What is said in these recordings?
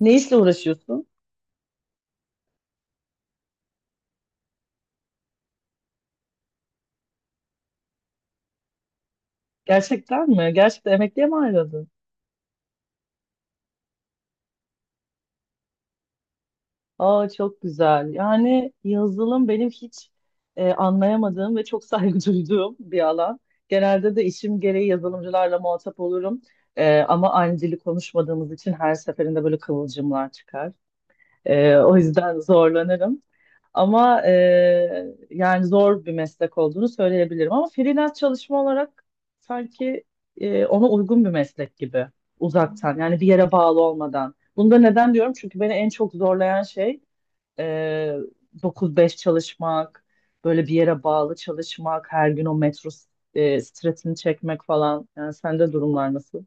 Ne işle uğraşıyorsun? Gerçekten mi? Gerçekten emekliye mi ayrıldın? Aa, çok güzel. Yani yazılım benim hiç anlayamadığım ve çok saygı duyduğum bir alan. Genelde de işim gereği yazılımcılarla muhatap olurum. Ama aynı dili konuşmadığımız için her seferinde böyle kıvılcımlar çıkar. O yüzden zorlanırım. Ama yani zor bir meslek olduğunu söyleyebilirim. Ama freelance çalışma olarak sanki ona uygun bir meslek gibi, uzaktan yani bir yere bağlı olmadan. Bunu da neden diyorum? Çünkü beni en çok zorlayan şey e, 9-5 çalışmak, böyle bir yere bağlı çalışmak, her gün o metro stresini çekmek falan. Yani sende durumlar nasıl?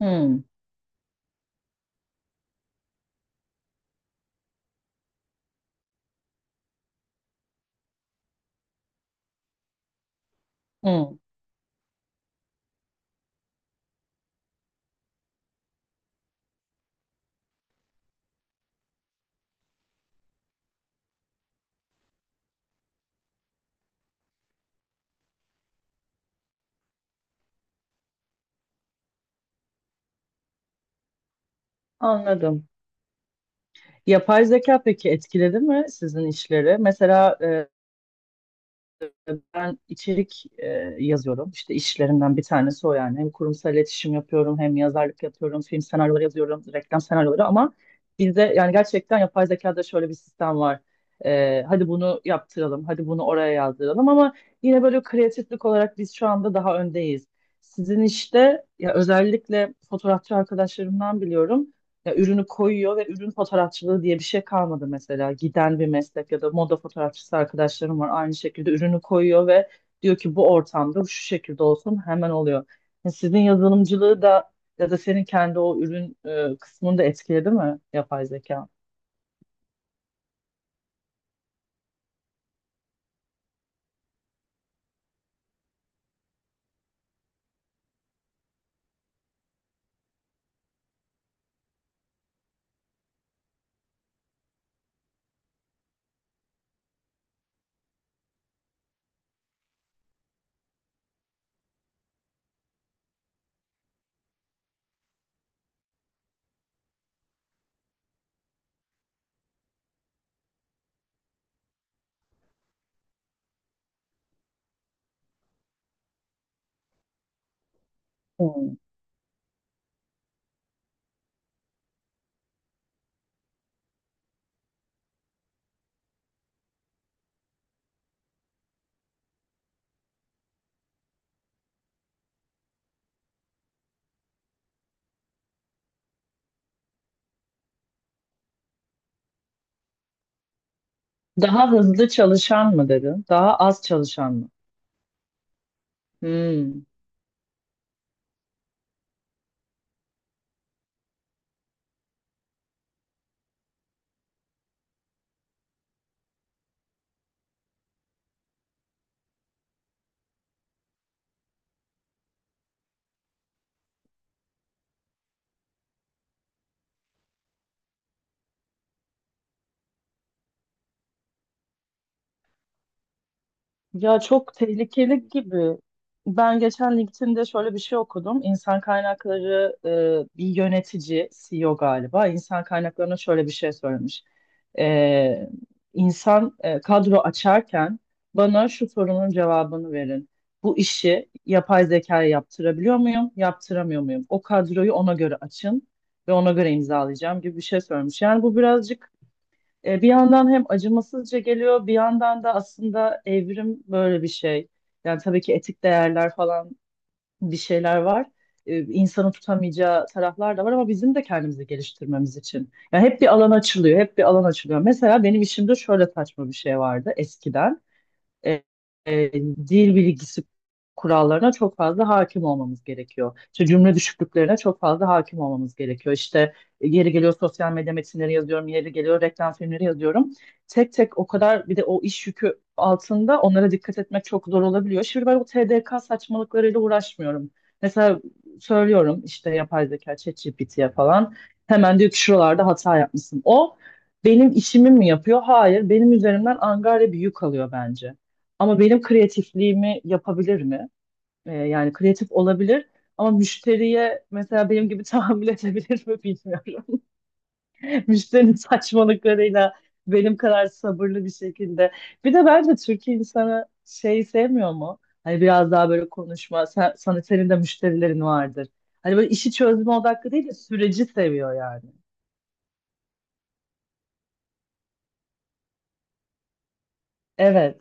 Hmm, hmm. Anladım. Yapay zeka peki etkiledi mi sizin işleri? Mesela ben içerik yazıyorum. İşte işlerimden bir tanesi o yani. Hem kurumsal iletişim yapıyorum, hem yazarlık yapıyorum, film senaryoları yazıyorum, reklam senaryoları. Ama bizde yani gerçekten yapay zekada şöyle bir sistem var. Hadi bunu yaptıralım, hadi bunu oraya yazdıralım ama yine böyle kreatiflik olarak biz şu anda daha öndeyiz. Sizin işte, ya, özellikle fotoğrafçı arkadaşlarımdan biliyorum. Ya, ürünü koyuyor ve ürün fotoğrafçılığı diye bir şey kalmadı mesela. Giden bir meslek, ya da moda fotoğrafçısı arkadaşlarım var. Aynı şekilde ürünü koyuyor ve diyor ki bu ortamda şu şekilde olsun, hemen oluyor. Ya sizin yazılımcılığı da, ya da senin kendi o ürün kısmını da etkiledi mi yapay zeka? Hmm. Daha hızlı çalışan mı dedin? Daha az çalışan mı? Hmm. Ya çok tehlikeli gibi. Ben geçen LinkedIn'de şöyle bir şey okudum. İnsan kaynakları, bir yönetici, CEO galiba, İnsan kaynaklarına şöyle bir şey söylemiş. E, insan kadro açarken bana şu sorunun cevabını verin. Bu işi yapay zekaya yaptırabiliyor muyum? Yaptıramıyor muyum? O kadroyu ona göre açın ve ona göre imzalayacağım gibi bir şey söylemiş. Yani bu birazcık, bir yandan hem acımasızca geliyor, bir yandan da aslında evrim böyle bir şey. Yani tabii ki etik değerler falan, bir şeyler var. E, insanı tutamayacağı taraflar da var ama bizim de kendimizi geliştirmemiz için. Yani hep bir alan açılıyor, hep bir alan açılıyor. Mesela benim işimde şöyle saçma bir şey vardı eskiden. e, e, Dil bilgisi kurallarına çok fazla hakim olmamız gerekiyor. İşte cümle düşüklüklerine çok fazla hakim olmamız gerekiyor. İşte yeri geliyor sosyal medya metinleri yazıyorum, yeri geliyor reklam filmleri yazıyorum. Tek tek o kadar, bir de o iş yükü altında onlara dikkat etmek çok zor olabiliyor. Şimdi ben o TDK saçmalıklarıyla uğraşmıyorum. Mesela söylüyorum işte yapay zeka, ChatGPT'ye falan. Hemen diyor ki şuralarda hata yapmışsın. O benim işimi mi yapıyor? Hayır, benim üzerimden angarya bir yük alıyor bence. Ama benim kreatifliğimi yapabilir mi? Yani kreatif olabilir ama müşteriye mesela benim gibi tahammül edebilir mi bilmiyorum. Müşterinin saçmalıklarıyla benim kadar sabırlı bir şekilde. Bir de bence Türkiye insanı şey sevmiyor mu? Hani biraz daha böyle konuşma. Sen, sana senin de müşterilerin vardır. Hani böyle işi çözme odaklı değil de süreci seviyor yani. Evet.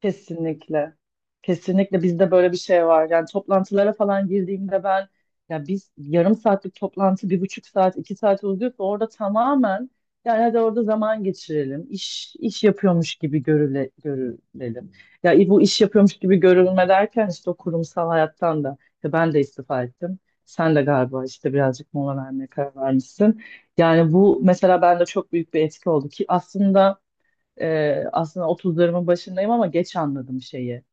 Kesinlikle. Kesinlikle bizde böyle bir şey var. Yani toplantılara falan girdiğimde ben, ya, biz yarım saatlik toplantı bir buçuk saat, iki saat uzuyorsa orada tamamen, yani hadi orada zaman geçirelim. İş, iş yapıyormuş gibi görülelim. Ya bu iş yapıyormuş gibi görülme derken, işte o kurumsal hayattan da, ya, ben de istifa ettim. Sen de galiba işte birazcık mola vermeye karar vermişsin. Yani bu mesela bende çok büyük bir etki oldu ki aslında, aslında otuzlarımın başındayım ama geç anladım şeyi.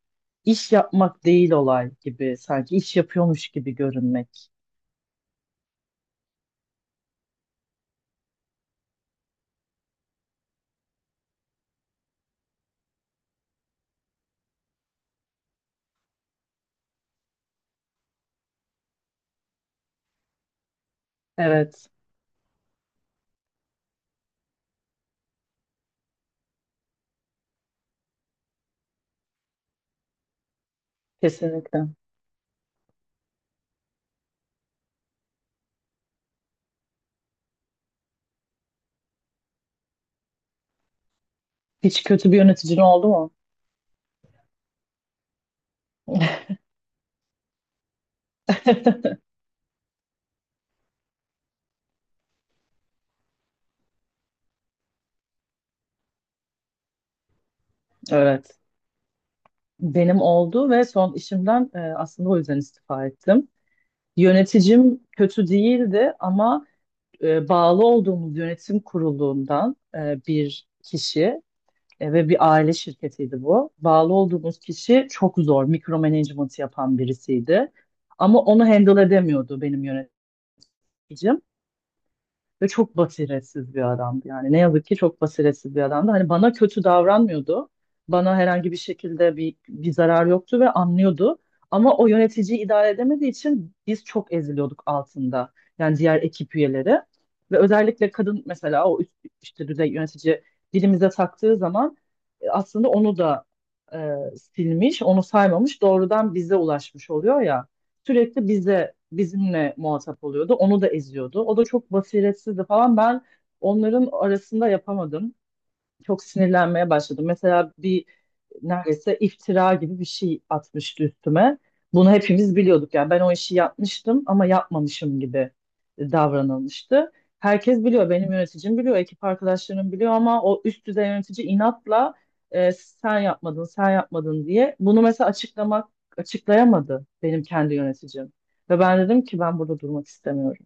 İş yapmak değil, olay gibi, sanki iş yapıyormuş gibi görünmek. Evet, kesinlikle. Hiç kötü bir yöneticin oldu mu? Evet. Benim oldu ve son işimden, aslında o yüzden istifa ettim. Yöneticim kötü değildi ama bağlı olduğumuz yönetim kurulundan bir kişi. Ve bir aile şirketiydi bu. Bağlı olduğumuz kişi çok zor, mikromanagement yapan birisiydi. Ama onu handle edemiyordu benim yöneticim. Ve çok basiretsiz bir adamdı yani. Ne yazık ki çok basiretsiz bir adamdı. Hani bana kötü davranmıyordu. Bana herhangi bir şekilde bir zarar yoktu ve anlıyordu. Ama o yöneticiyi idare edemediği için biz çok eziliyorduk altında. Yani diğer ekip üyeleri. Ve özellikle kadın, mesela o üst, işte düzey yönetici dilimize taktığı zaman, aslında onu da e, silmiş, onu saymamış, doğrudan bize ulaşmış oluyor ya, sürekli bize, bizimle muhatap oluyordu. Onu da eziyordu. O da çok basiretsizdi falan. Ben onların arasında yapamadım. Çok sinirlenmeye başladım. Mesela bir neredeyse iftira gibi bir şey atmıştı üstüme. Bunu hepimiz biliyorduk yani, ben o işi yapmıştım ama yapmamışım gibi davranılmıştı. Herkes biliyor, benim yöneticim biliyor, ekip arkadaşlarım biliyor ama o üst düzey yönetici inatla sen yapmadın, sen yapmadın diye, bunu mesela açıklayamadı benim kendi yöneticim. Ve ben dedim ki ben burada durmak istemiyorum.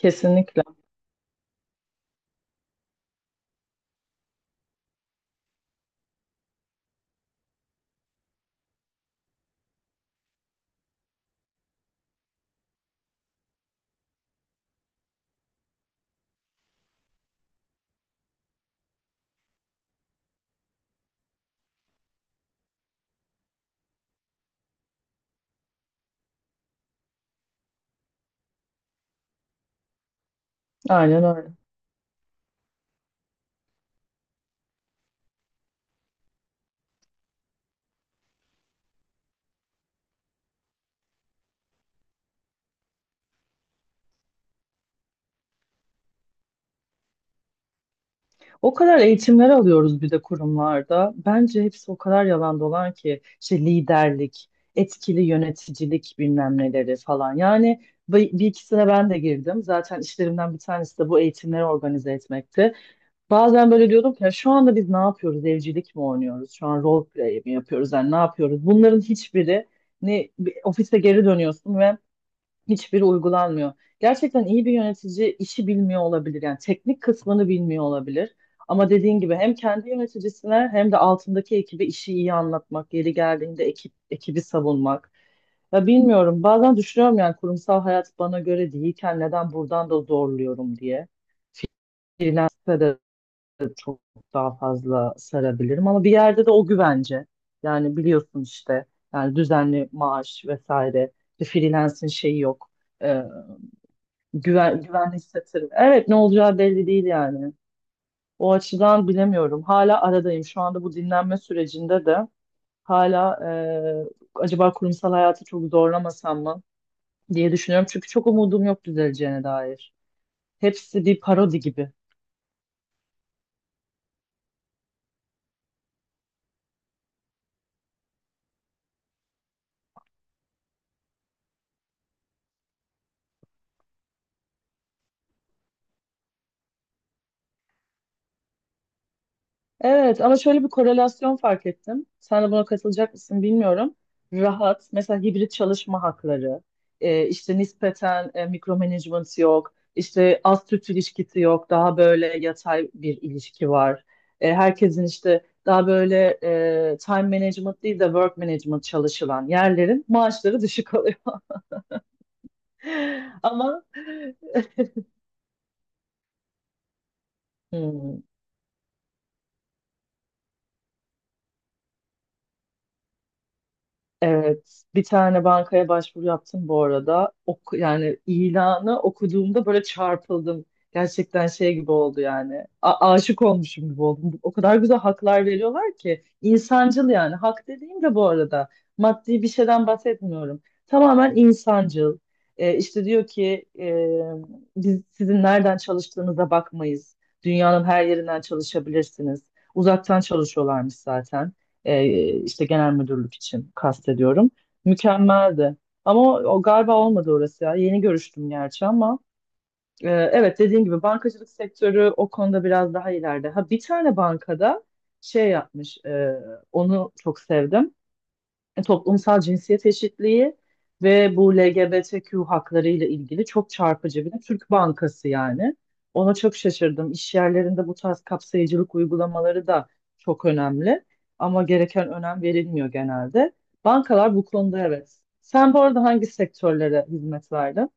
Kesinlikle. Aynen öyle. O kadar eğitimler alıyoruz bir de kurumlarda. Bence hepsi o kadar yalan dolan ki, işte liderlik, etkili yöneticilik bilmem neleri falan. Yani bir ikisine ben de girdim. Zaten işlerimden bir tanesi de bu eğitimleri organize etmekti. Bazen böyle diyordum ki: "Ya, şu anda biz ne yapıyoruz? Evcilik mi oynuyoruz? Şu an role play mi yapıyoruz? Yani ne yapıyoruz?" Bunların hiçbiri, ne bir ofise geri dönüyorsun ve, hiçbiri uygulanmıyor. Gerçekten iyi bir yönetici işi bilmiyor olabilir. Yani teknik kısmını bilmiyor olabilir. Ama dediğin gibi hem kendi yöneticisine hem de altındaki ekibe işi iyi anlatmak, yeri geldiğinde ekibi savunmak. Ya bilmiyorum. Bazen düşünüyorum, yani kurumsal hayat bana göre değilken neden buradan da zorluyorum diye. Freelance'de de çok daha fazla sarabilirim ama bir yerde de o güvence. Yani biliyorsun işte, yani düzenli maaş vesaire bir freelance'in şeyi yok. Ee, Güvenli hissettirir. Evet, ne olacağı belli değil yani. O açıdan bilemiyorum. Hala aradayım. Şu anda bu dinlenme sürecinde de hala acaba kurumsal hayatı çok zorlamasam mı diye düşünüyorum. Çünkü çok umudum yok düzeleceğine dair. Hepsi bir parodi gibi. Evet ama şöyle bir korelasyon fark ettim. Sen de buna katılacak mısın bilmiyorum. Rahat, mesela hibrit çalışma hakları, işte nispeten mikromanagement yok, işte az süt ilişkisi yok, daha böyle yatay bir ilişki var. Herkesin işte daha böyle time management değil de work management çalışılan yerlerin maaşları düşük oluyor. Ama Hmm. Evet, bir tane bankaya başvuru yaptım bu arada. Oku, yani ilanı okuduğumda böyle çarpıldım. Gerçekten şey gibi oldu yani. Aşık olmuşum gibi oldum. O kadar güzel haklar veriyorlar ki. İnsancıl yani. Hak dediğim de bu arada, maddi bir şeyden bahsetmiyorum. Tamamen insancıl. E, işte diyor ki biz sizin nereden çalıştığınıza bakmayız. Dünyanın her yerinden çalışabilirsiniz. Uzaktan çalışıyorlarmış zaten, işte genel müdürlük için kastediyorum. Mükemmeldi. Ama o, o galiba olmadı orası ya. Yeni görüştüm gerçi ama, evet, dediğin gibi bankacılık sektörü o konuda biraz daha ileride. Ha, bir tane bankada şey yapmış. Onu çok sevdim: toplumsal cinsiyet eşitliği ve bu LGBTQ hakları ile ilgili çok çarpıcı, bir de Türk Bankası yani. Ona çok şaşırdım. İş yerlerinde bu tarz kapsayıcılık uygulamaları da çok önemli ama gereken önem verilmiyor genelde. Bankalar bu konuda evet. Sen bu arada hangi sektörlere hizmet verdin?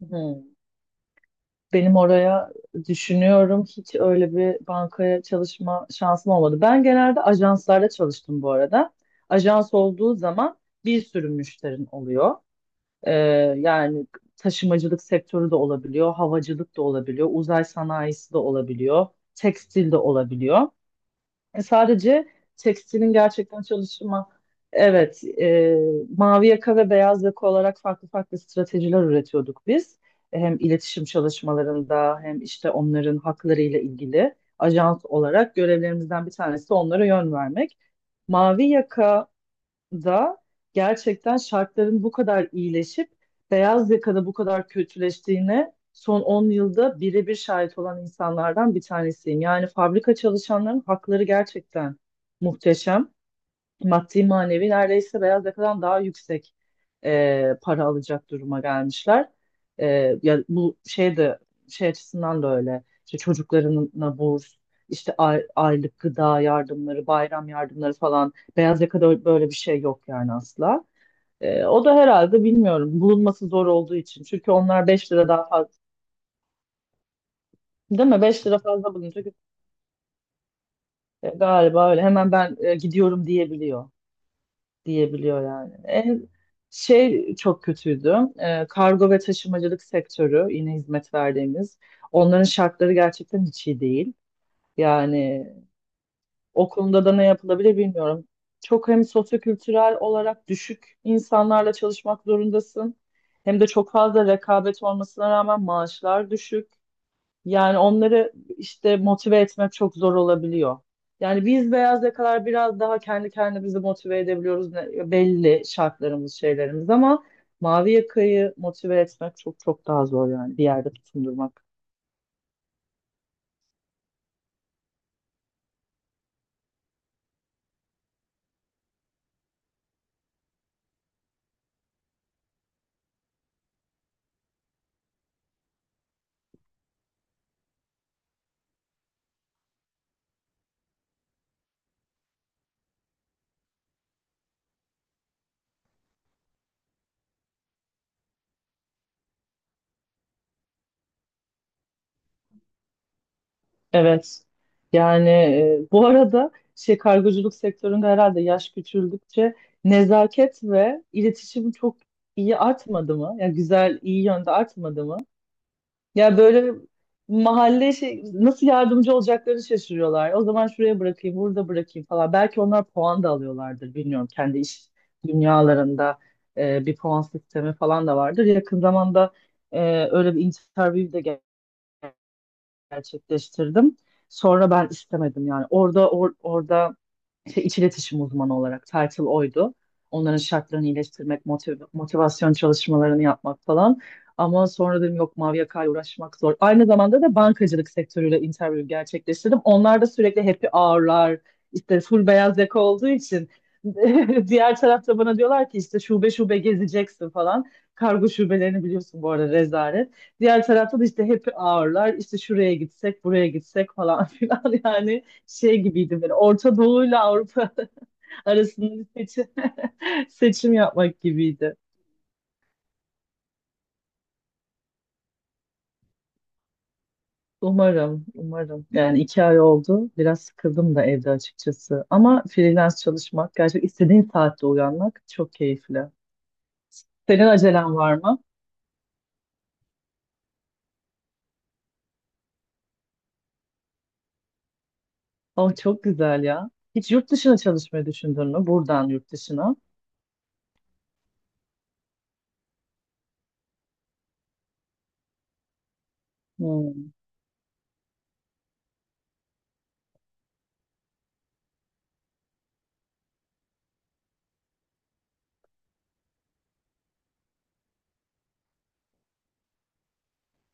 Hı. Benim oraya düşünüyorum, hiç öyle bir bankaya çalışma şansım olmadı. Ben genelde ajanslarda çalıştım bu arada. Ajans olduğu zaman bir sürü müşterin oluyor. Ee, yani taşımacılık sektörü de olabiliyor, havacılık da olabiliyor, uzay sanayisi de olabiliyor, tekstil de olabiliyor. Sadece tekstilin gerçekten çalışma, evet, mavi yaka ve beyaz yaka olarak farklı farklı stratejiler üretiyorduk biz. Hem iletişim çalışmalarında hem işte onların haklarıyla ilgili ajans olarak görevlerimizden bir tanesi onlara yön vermek. Mavi yaka da gerçekten şartların bu kadar iyileşip beyaz yakada bu kadar kötüleştiğine son 10 yılda birebir şahit olan insanlardan bir tanesiyim. Yani fabrika çalışanların hakları gerçekten muhteşem, maddi manevi neredeyse beyaz yakadan daha yüksek para alacak duruma gelmişler. E, ya bu şey de, şey açısından da öyle. İşte çocuklarına burs, işte aylık gıda yardımları, bayram yardımları falan, beyaz yakada böyle bir şey yok yani, asla. O da herhalde bilmiyorum, bulunması zor olduğu için. Çünkü onlar 5 lira daha fazla, değil mi? 5 lira fazla bulunca galiba öyle, hemen ben gidiyorum Diyebiliyor yani. En şey çok kötüydü. Kargo ve taşımacılık sektörü, yine hizmet verdiğimiz. Onların şartları gerçekten hiç iyi değil. Yani o konuda da ne yapılabilir bilmiyorum. Çok hem sosyokültürel olarak düşük insanlarla çalışmak zorundasın. Hem de çok fazla rekabet olmasına rağmen maaşlar düşük. Yani onları işte motive etmek çok zor olabiliyor. Yani biz beyaz yakalar biraz daha kendi kendimizi motive edebiliyoruz, belli şartlarımız, şeylerimiz ama mavi yakayı motive etmek çok çok daha zor, yani bir yerde tutundurmak. Evet. Yani bu arada şey, kargoculuk sektöründe herhalde yaş küçüldükçe nezaket ve iletişim çok iyi artmadı mı? Yani güzel, iyi yönde artmadı mı? Ya böyle mahalle şey, nasıl yardımcı olacaklarını şaşırıyorlar. O zaman şuraya bırakayım, burada bırakayım falan. Belki onlar puan da alıyorlardır bilmiyorum. Kendi iş dünyalarında bir puan sistemi falan da vardır. Yakın zamanda e, öyle bir interview de gerçekleştirdim. Sonra ben istemedim yani. Orada, orada işte iç iletişim uzmanı olarak title oydu. Onların şartlarını iyileştirmek, motivasyon çalışmalarını yapmak falan. Ama sonra dedim yok, mavi yakayla uğraşmak zor. Aynı zamanda da bankacılık sektörüyle interview gerçekleştirdim. Onlar da sürekli happy hour'lar, işte full beyaz yaka olduğu için diğer tarafta bana diyorlar ki işte şube şube gezeceksin falan. Kargo şubelerini biliyorsun bu arada, rezalet. Diğer tarafta da işte happy hour'lar, işte şuraya gitsek, buraya gitsek falan filan yani, şey gibiydi, böyle Orta Doğu ile Avrupa arasında bir seçim, seçim yapmak gibiydi. Umarım, umarım. Yani 2 ay oldu. Biraz sıkıldım da evde açıkçası. Ama freelance çalışmak, gerçekten istediğin saatte uyanmak çok keyifli. Senin acelen var mı? Oh, çok güzel ya. Hiç yurt dışına çalışmayı düşündün mü? Buradan yurt dışına. Hmm.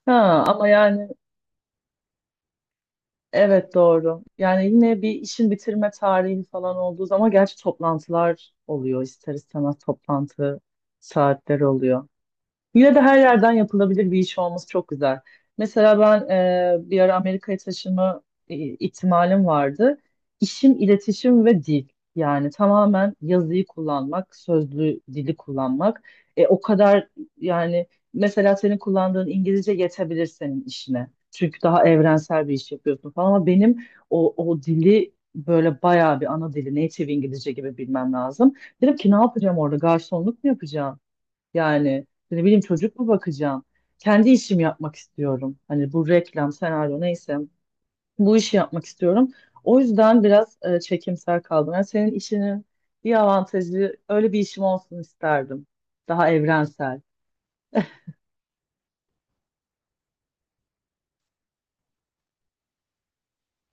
Ha, ama yani, evet doğru. Yani yine bir işin bitirme tarihi falan olduğu zaman gerçi toplantılar oluyor, ister istemez toplantı saatleri oluyor. Yine de her yerden yapılabilir bir iş olması çok güzel. Mesela ben bir ara Amerika'ya taşınma ihtimalim vardı. İşim iletişim ve dil. Yani tamamen yazıyı kullanmak, sözlü dili kullanmak. O kadar, yani mesela senin kullandığın İngilizce yetebilir senin işine. Çünkü daha evrensel bir iş yapıyorsun falan ama benim o, o dili böyle bayağı bir ana dili, native İngilizce gibi bilmem lazım. Dedim ki, ne yapacağım orada? Garsonluk mu yapacağım? Yani ne bileyim, çocuk mu bakacağım? Kendi işimi yapmak istiyorum. Hani bu reklam, senaryo, neyse bu işi yapmak istiyorum. O yüzden biraz çekimser kaldım. Yani senin işinin bir avantajı, öyle bir işim olsun isterdim. Daha evrensel.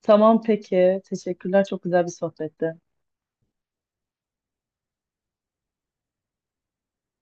Tamam peki. Teşekkürler. Çok güzel bir sohbetti.